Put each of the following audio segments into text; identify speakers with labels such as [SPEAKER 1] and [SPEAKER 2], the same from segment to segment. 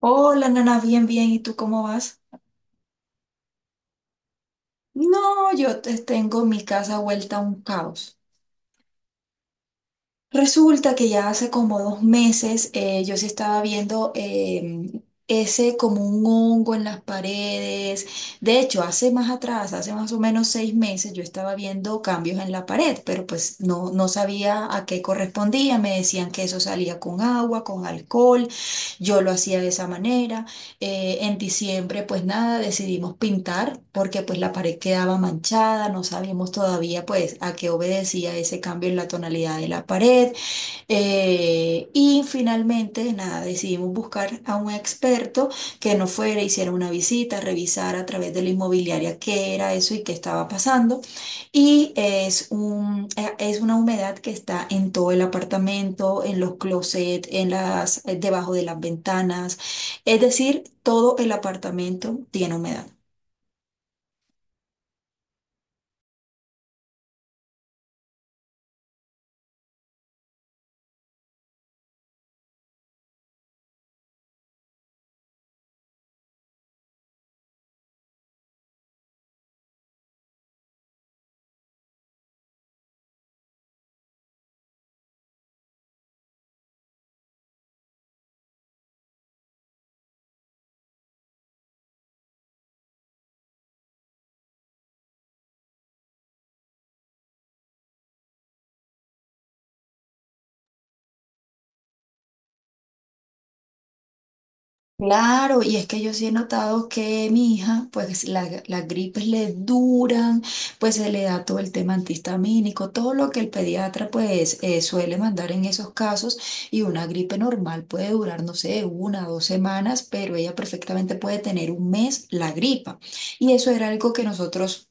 [SPEAKER 1] Hola, Nana, bien, bien. ¿Y tú cómo vas? No, yo tengo mi casa vuelta a un caos. Resulta que ya hace como 2 meses yo sí estaba viendo ese como un hongo en las paredes. De hecho, hace más atrás, hace más o menos 6 meses, yo estaba viendo cambios en la pared, pero pues no, no sabía a qué correspondía. Me decían que eso salía con agua, con alcohol. Yo lo hacía de esa manera. En diciembre, pues nada, decidimos pintar porque pues la pared quedaba manchada, no sabíamos todavía pues a qué obedecía ese cambio en la tonalidad de la pared. Y finalmente, nada, decidimos buscar a un experto que nos fuera, hiciera una visita, revisara a través de la inmobiliaria qué era eso y qué estaba pasando. Y es una humedad que está en todo el apartamento, en los closets, debajo de las ventanas. Es decir, todo el apartamento tiene humedad. Claro, y es que yo sí he notado que mi hija, pues las gripes le duran, pues se le da todo el tema antihistamínico, todo lo que el pediatra pues suele mandar en esos casos, y una gripe normal puede durar, no sé, 1 o 2 semanas, pero ella perfectamente puede tener 1 mes la gripa. Y eso era algo que nosotros.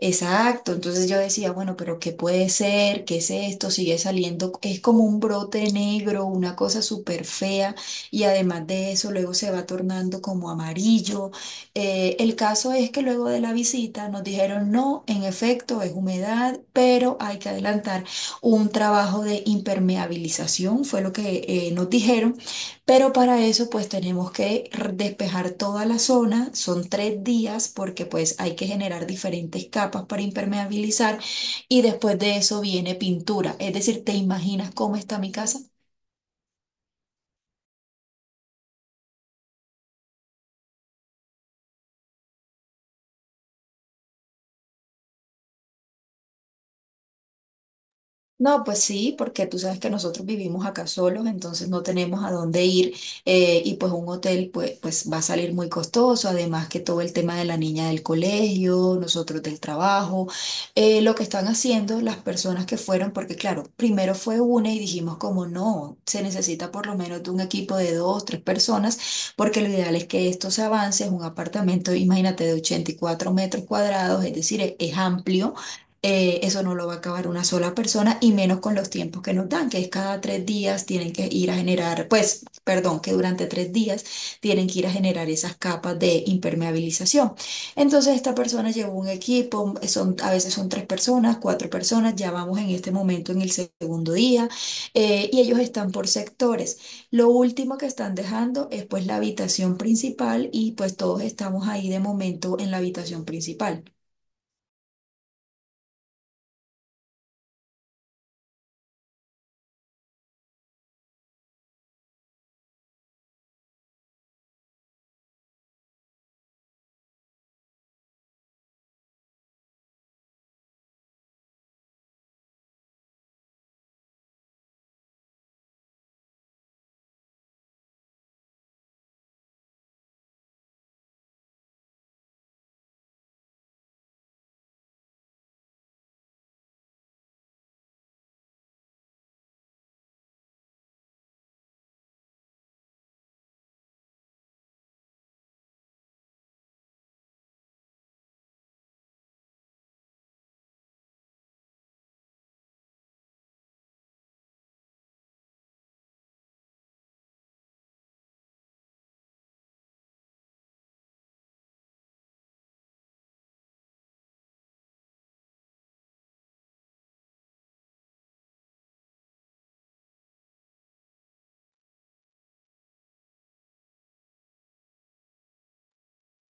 [SPEAKER 1] Exacto, entonces yo decía, bueno, pero ¿qué puede ser? ¿Qué es esto? Sigue saliendo, es como un brote negro, una cosa súper fea y además de eso luego se va tornando como amarillo. El caso es que luego de la visita nos dijeron, no, en efecto es humedad, pero hay que adelantar un trabajo de impermeabilización, fue lo que nos dijeron. Pero para eso pues tenemos que despejar toda la zona, son 3 días porque pues hay que generar diferentes capas para impermeabilizar y después de eso viene pintura. Es decir, ¿te imaginas cómo está mi casa? No, pues sí, porque tú sabes que nosotros vivimos acá solos, entonces no tenemos a dónde ir, y pues un hotel pues, pues va a salir muy costoso, además que todo el tema de la niña del colegio, nosotros del trabajo, lo que están haciendo las personas que fueron, porque claro, primero fue una y dijimos como no, se necesita por lo menos de un equipo de 2, 3 personas, porque lo ideal es que esto se avance, es un apartamento, imagínate, de 84 metros cuadrados, es decir, es amplio. Eso no lo va a acabar una sola persona y menos con los tiempos que nos dan, que es cada 3 días tienen que ir a generar, pues, perdón, que durante 3 días tienen que ir a generar esas capas de impermeabilización. Entonces esta persona llevó un equipo, a veces son 3 personas, 4 personas, ya vamos en este momento en el segundo día, y ellos están por sectores. Lo último que están dejando es pues la habitación principal y pues todos estamos ahí de momento en la habitación principal.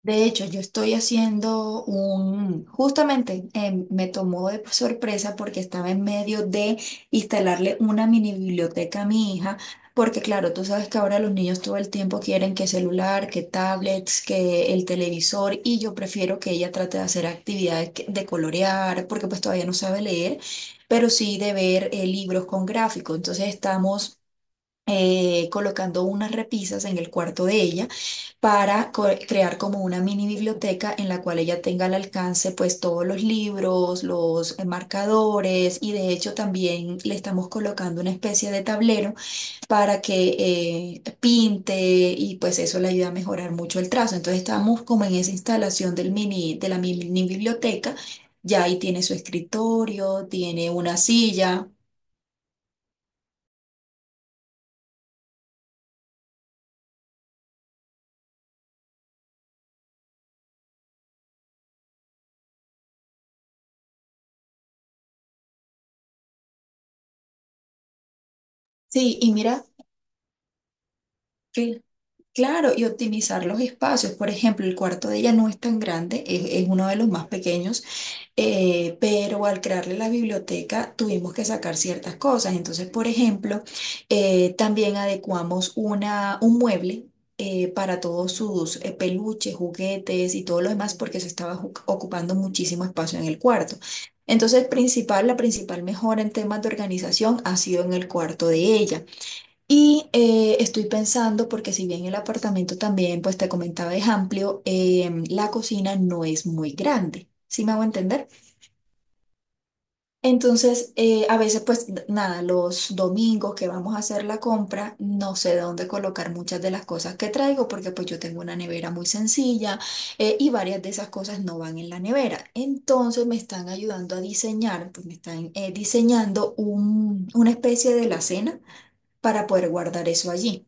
[SPEAKER 1] De hecho, yo estoy haciendo justamente, me tomó de sorpresa porque estaba en medio de instalarle una mini biblioteca a mi hija, porque claro, tú sabes que ahora los niños todo el tiempo quieren que celular, que tablets, que el televisor, y yo prefiero que ella trate de hacer actividades de colorear, porque pues todavía no sabe leer, pero sí de ver libros con gráficos. Entonces estamos colocando unas repisas en el cuarto de ella para crear como una mini biblioteca en la cual ella tenga al alcance pues todos los libros, los marcadores, y de hecho también le estamos colocando una especie de tablero para que pinte y pues eso le ayuda a mejorar mucho el trazo. Entonces estamos como en esa instalación de la mini biblioteca. Ya ahí tiene su escritorio, tiene una silla. Sí, y mira. Claro, y optimizar los espacios. Por ejemplo, el cuarto de ella no es tan grande, es uno de los más pequeños. Pero al crearle la biblioteca tuvimos que sacar ciertas cosas. Entonces, por ejemplo, también adecuamos un mueble para todos sus peluches, juguetes y todo lo demás, porque se estaba ocupando muchísimo espacio en el cuarto. Entonces, la principal mejora en temas de organización ha sido en el cuarto de ella. Y estoy pensando, porque si bien el apartamento también, pues te comentaba, es amplio, la cocina no es muy grande, ¿sí me hago entender? Entonces, a veces, pues nada, los domingos que vamos a hacer la compra, no sé dónde colocar muchas de las cosas que traigo, porque pues yo tengo una nevera muy sencilla, y varias de esas cosas no van en la nevera. Entonces me están ayudando a diseñar, pues me están diseñando una especie de la cena para poder guardar eso allí.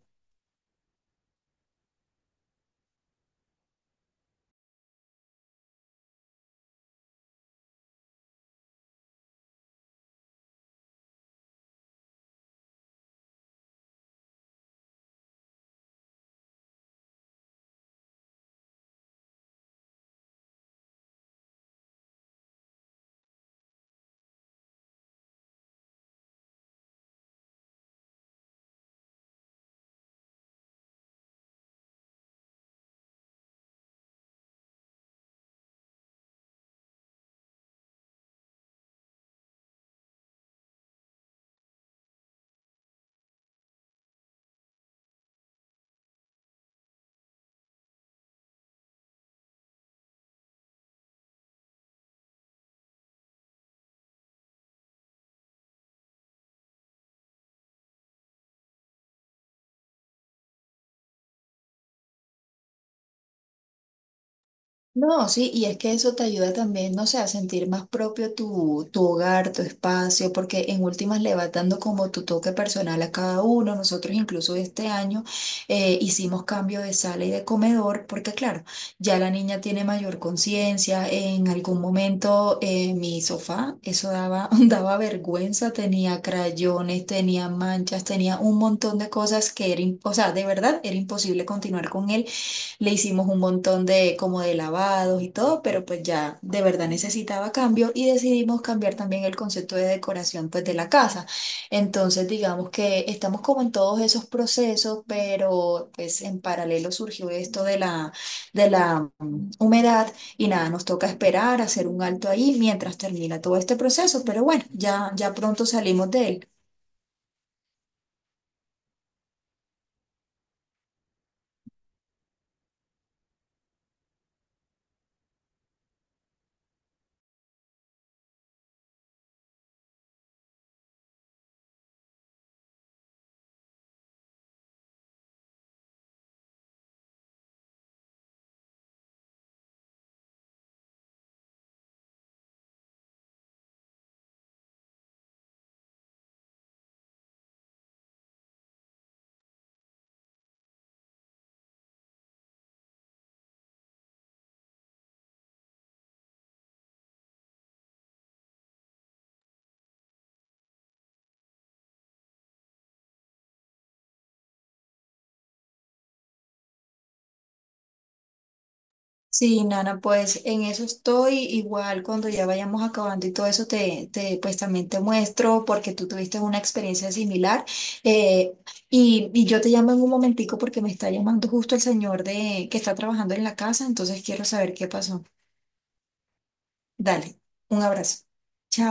[SPEAKER 1] No, sí, y es que eso te ayuda también, no sé, a sentir más propio tu, hogar, tu espacio, porque en últimas le vas dando como tu toque personal a cada uno. Nosotros incluso este año hicimos cambio de sala y de comedor, porque claro, ya la niña tiene mayor conciencia. En algún momento, mi sofá, eso daba, daba vergüenza, tenía crayones, tenía manchas, tenía un montón de cosas que era, o sea, de verdad era imposible continuar con él. Le hicimos un montón de como de lavados y todo, pero pues ya de verdad necesitaba cambio y decidimos cambiar también el concepto de decoración pues de la casa. Entonces digamos que estamos como en todos esos procesos, pero pues en paralelo surgió esto de la humedad y nada, nos toca esperar, hacer un alto ahí mientras termina todo este proceso, pero bueno, ya pronto salimos de él. Sí, Nana, pues en eso estoy. Igual cuando ya vayamos acabando y todo eso, pues también te muestro porque tú tuviste una experiencia similar. Eh, y yo te llamo en un momentico porque me está llamando justo el señor que está trabajando en la casa, entonces quiero saber qué pasó. Dale, un abrazo. Chao.